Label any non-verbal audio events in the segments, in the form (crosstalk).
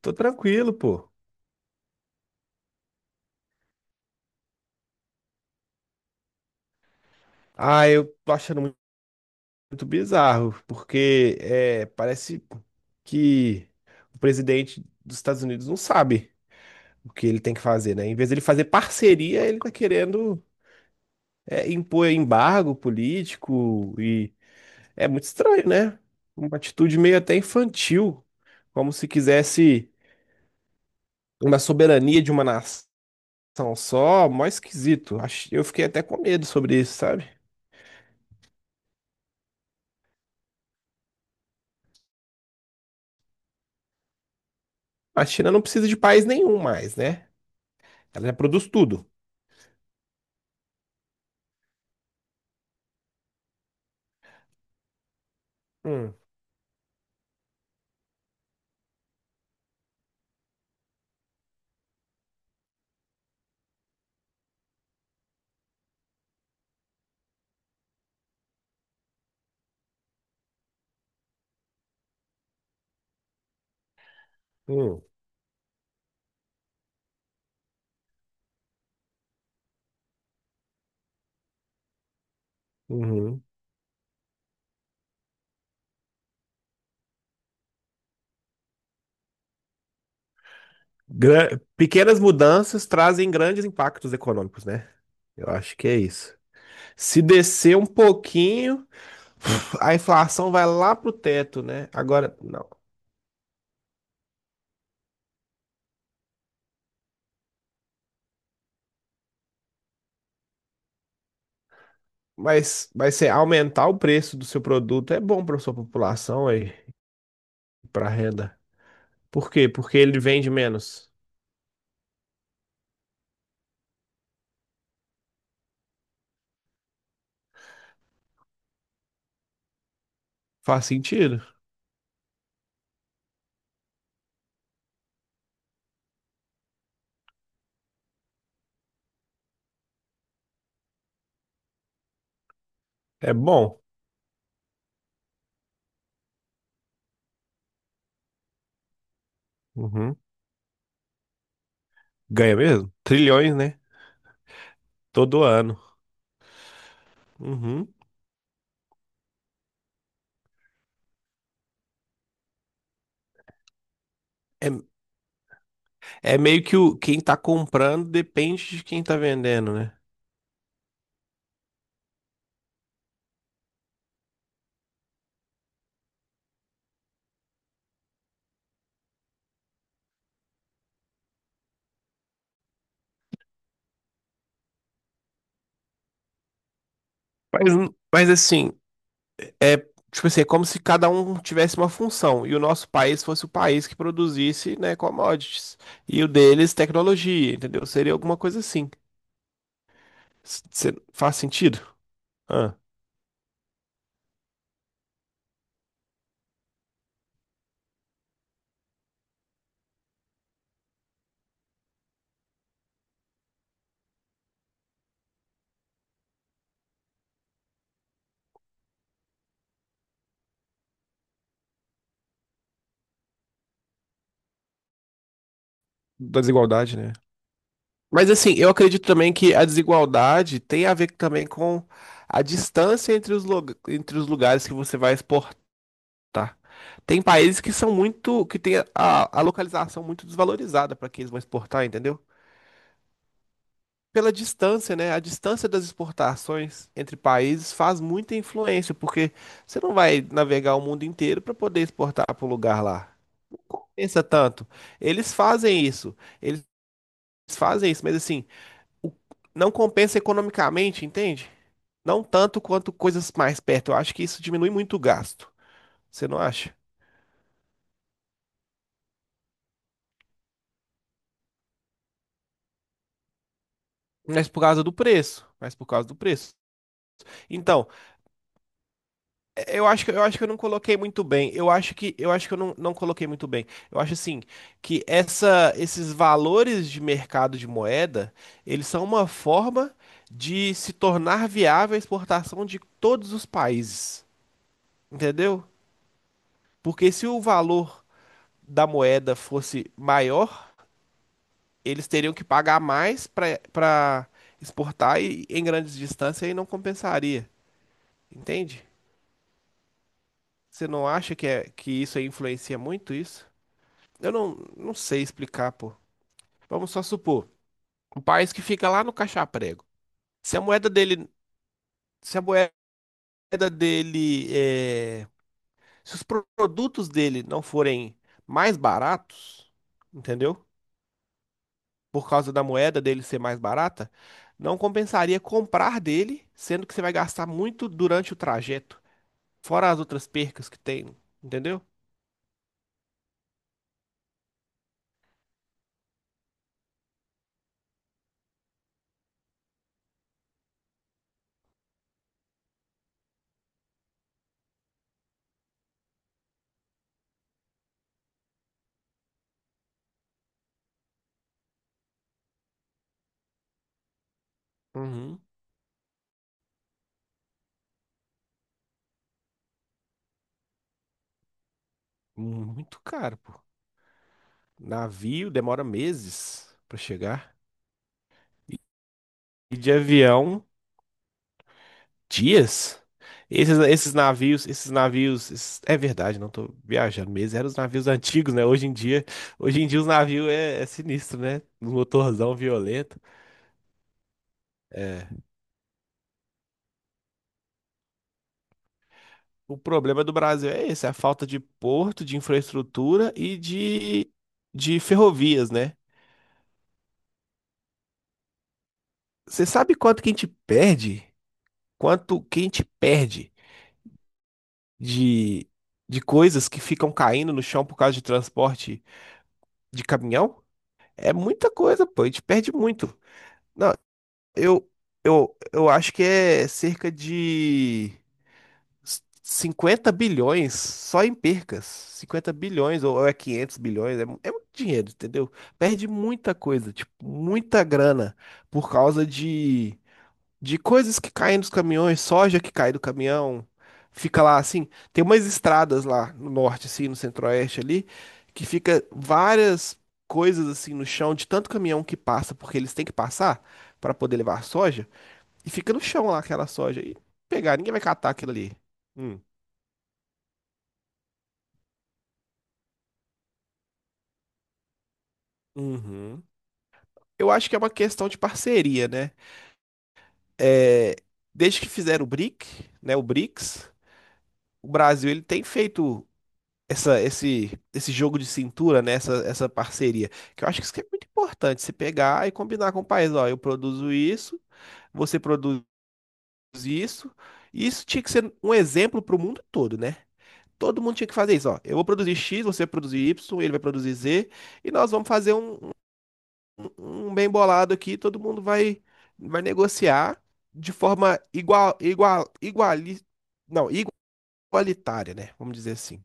Tô tranquilo, pô. Eu tô achando muito bizarro, porque parece que o presidente dos Estados Unidos não sabe o que ele tem que fazer, né? Em vez de ele fazer parceria, ele tá querendo impor embargo político e é muito estranho, né? Uma atitude meio até infantil, como se quisesse uma soberania de uma nação só, mó esquisito. Eu fiquei até com medo sobre isso, sabe? A China não precisa de país nenhum mais, né? Ela reproduz tudo. Hum, hum, uhum. Pequenas mudanças trazem grandes impactos econômicos, né? Eu acho que é isso. Se descer um pouquinho, a inflação vai lá pro teto, né? Agora, não. Mas vai ser aumentar o preço do seu produto é bom para sua população e para renda. Por quê? Porque ele vende menos. Faz sentido. É bom. Uhum. Ganha mesmo? Trilhões, né? Todo ano. Uhum. É, É meio que quem tá comprando depende de quem tá vendendo, né? Mas, mas assim, é tipo assim, é como se cada um tivesse uma função e o nosso país fosse o país que produzisse, né, commodities e o deles tecnologia, entendeu? Seria alguma coisa assim. Faz sentido? Ah, da desigualdade, né? Mas assim, eu acredito também que a desigualdade tem a ver também com a distância entre entre os lugares que você vai exportar. Tá. Tem países que são muito, que tem a localização muito desvalorizada para quem eles vão exportar, entendeu? Pela distância, né? A distância das exportações entre países faz muita influência, porque você não vai navegar o mundo inteiro para poder exportar para o lugar lá. Não compensa tanto. Eles fazem isso, eles fazem isso, mas assim, o- não compensa economicamente, entende? Não tanto quanto coisas mais perto. Eu acho que isso diminui muito o gasto. Você não acha? Mas por causa do preço. Mas por causa do preço. Então, eu acho que eu não coloquei muito bem. Eu acho que eu não coloquei muito bem. Eu acho assim que essa esses valores de mercado de moeda, eles são uma forma de se tornar viável a exportação de todos os países, entendeu? Porque se o valor da moeda fosse maior, eles teriam que pagar mais para exportar e, em grandes distâncias e não compensaria, entende? Você não acha que isso aí influencia muito isso? Eu não sei explicar, pô. Vamos só supor, um país que fica lá no caixa. Se a moeda se a moeda dele, se os produtos dele não forem mais baratos, entendeu? Por causa da moeda dele ser mais barata, não compensaria comprar dele, sendo que você vai gastar muito durante o trajeto, fora as outras percas que tem, entendeu? Uhum. Muito caro, pô. Navio demora meses pra chegar. E de avião. Dias? É verdade, não tô viajando mesmo, eram os navios antigos, né? Hoje em dia os navios é sinistro, né? Um motorzão violento. É. O problema do Brasil é esse, a falta de porto, de infraestrutura de ferrovias, né? Você sabe quanto que a gente perde? Quanto que a gente perde de, de coisas que ficam caindo no chão por causa de transporte de caminhão? É muita coisa, pô, a gente perde muito. Não, Eu, eu acho que é cerca de 50 bilhões só em percas. 50 bilhões ou é 500 bilhões, é muito dinheiro, entendeu? Perde muita coisa, tipo, muita grana por causa de coisas que caem nos caminhões, soja que cai do caminhão. Fica lá assim, tem umas estradas lá no norte assim, no centro-oeste ali, que fica várias coisas assim no chão de tanto caminhão que passa, porque eles têm que passar para poder levar soja. E fica no chão lá aquela soja. E pegar, ninguém vai catar aquilo ali. Hum. Uhum. Eu acho que é uma questão de parceria, né? É, desde que fizeram o BRIC, né, o BRICS, o Brasil ele tem feito esse jogo de cintura, né, essa parceria, que eu acho que isso que é muito importante, você pegar e combinar com o país, ó, eu produzo isso, você produz isso, e isso tinha que ser um exemplo para o mundo todo, né? Todo mundo tinha que fazer isso, ó. Eu vou produzir X, você vai produzir Y, ele vai produzir Z, e nós vamos fazer um bem bolado aqui, todo mundo vai negociar de forma não, igualitária, né? Vamos dizer assim.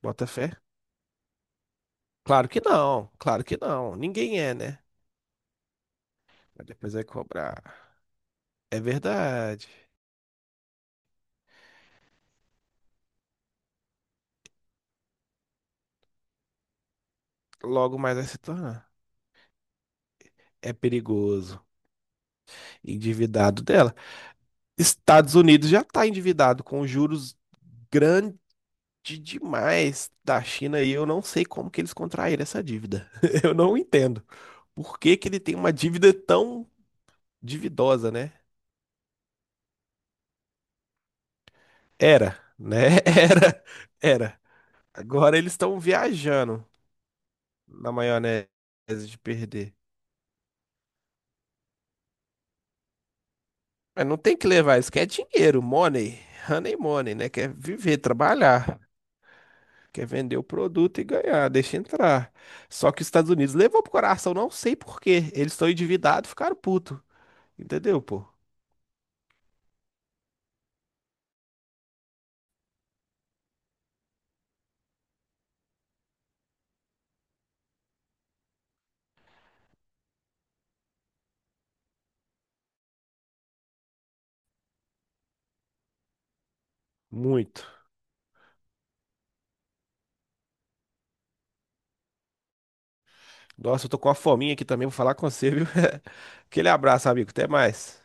Bota fé? Claro que não, claro que não. Ninguém é, né? Mas depois vai cobrar. É verdade. Logo mais vai se tornar. É perigoso. Endividado dela. Estados Unidos já está endividado com juros de demais da China e eu não sei como que eles contraíram essa dívida. (laughs) Eu não entendo. Por que que ele tem uma dívida tão dividosa, né? Era, né? (laughs) Era, era. Agora eles estão viajando na maionese de perder. Mas não tem que levar, isso quer dinheiro, money, honey money, né? Quer viver, trabalhar. Quer vender o produto e ganhar, deixa entrar. Só que os Estados Unidos levou pro coração, não sei por quê. Eles estão endividados, e ficaram puto. Entendeu, pô? Muito. Nossa, eu tô com uma fominha aqui também, vou falar com você, viu? (laughs) Aquele abraço, amigo. Até mais.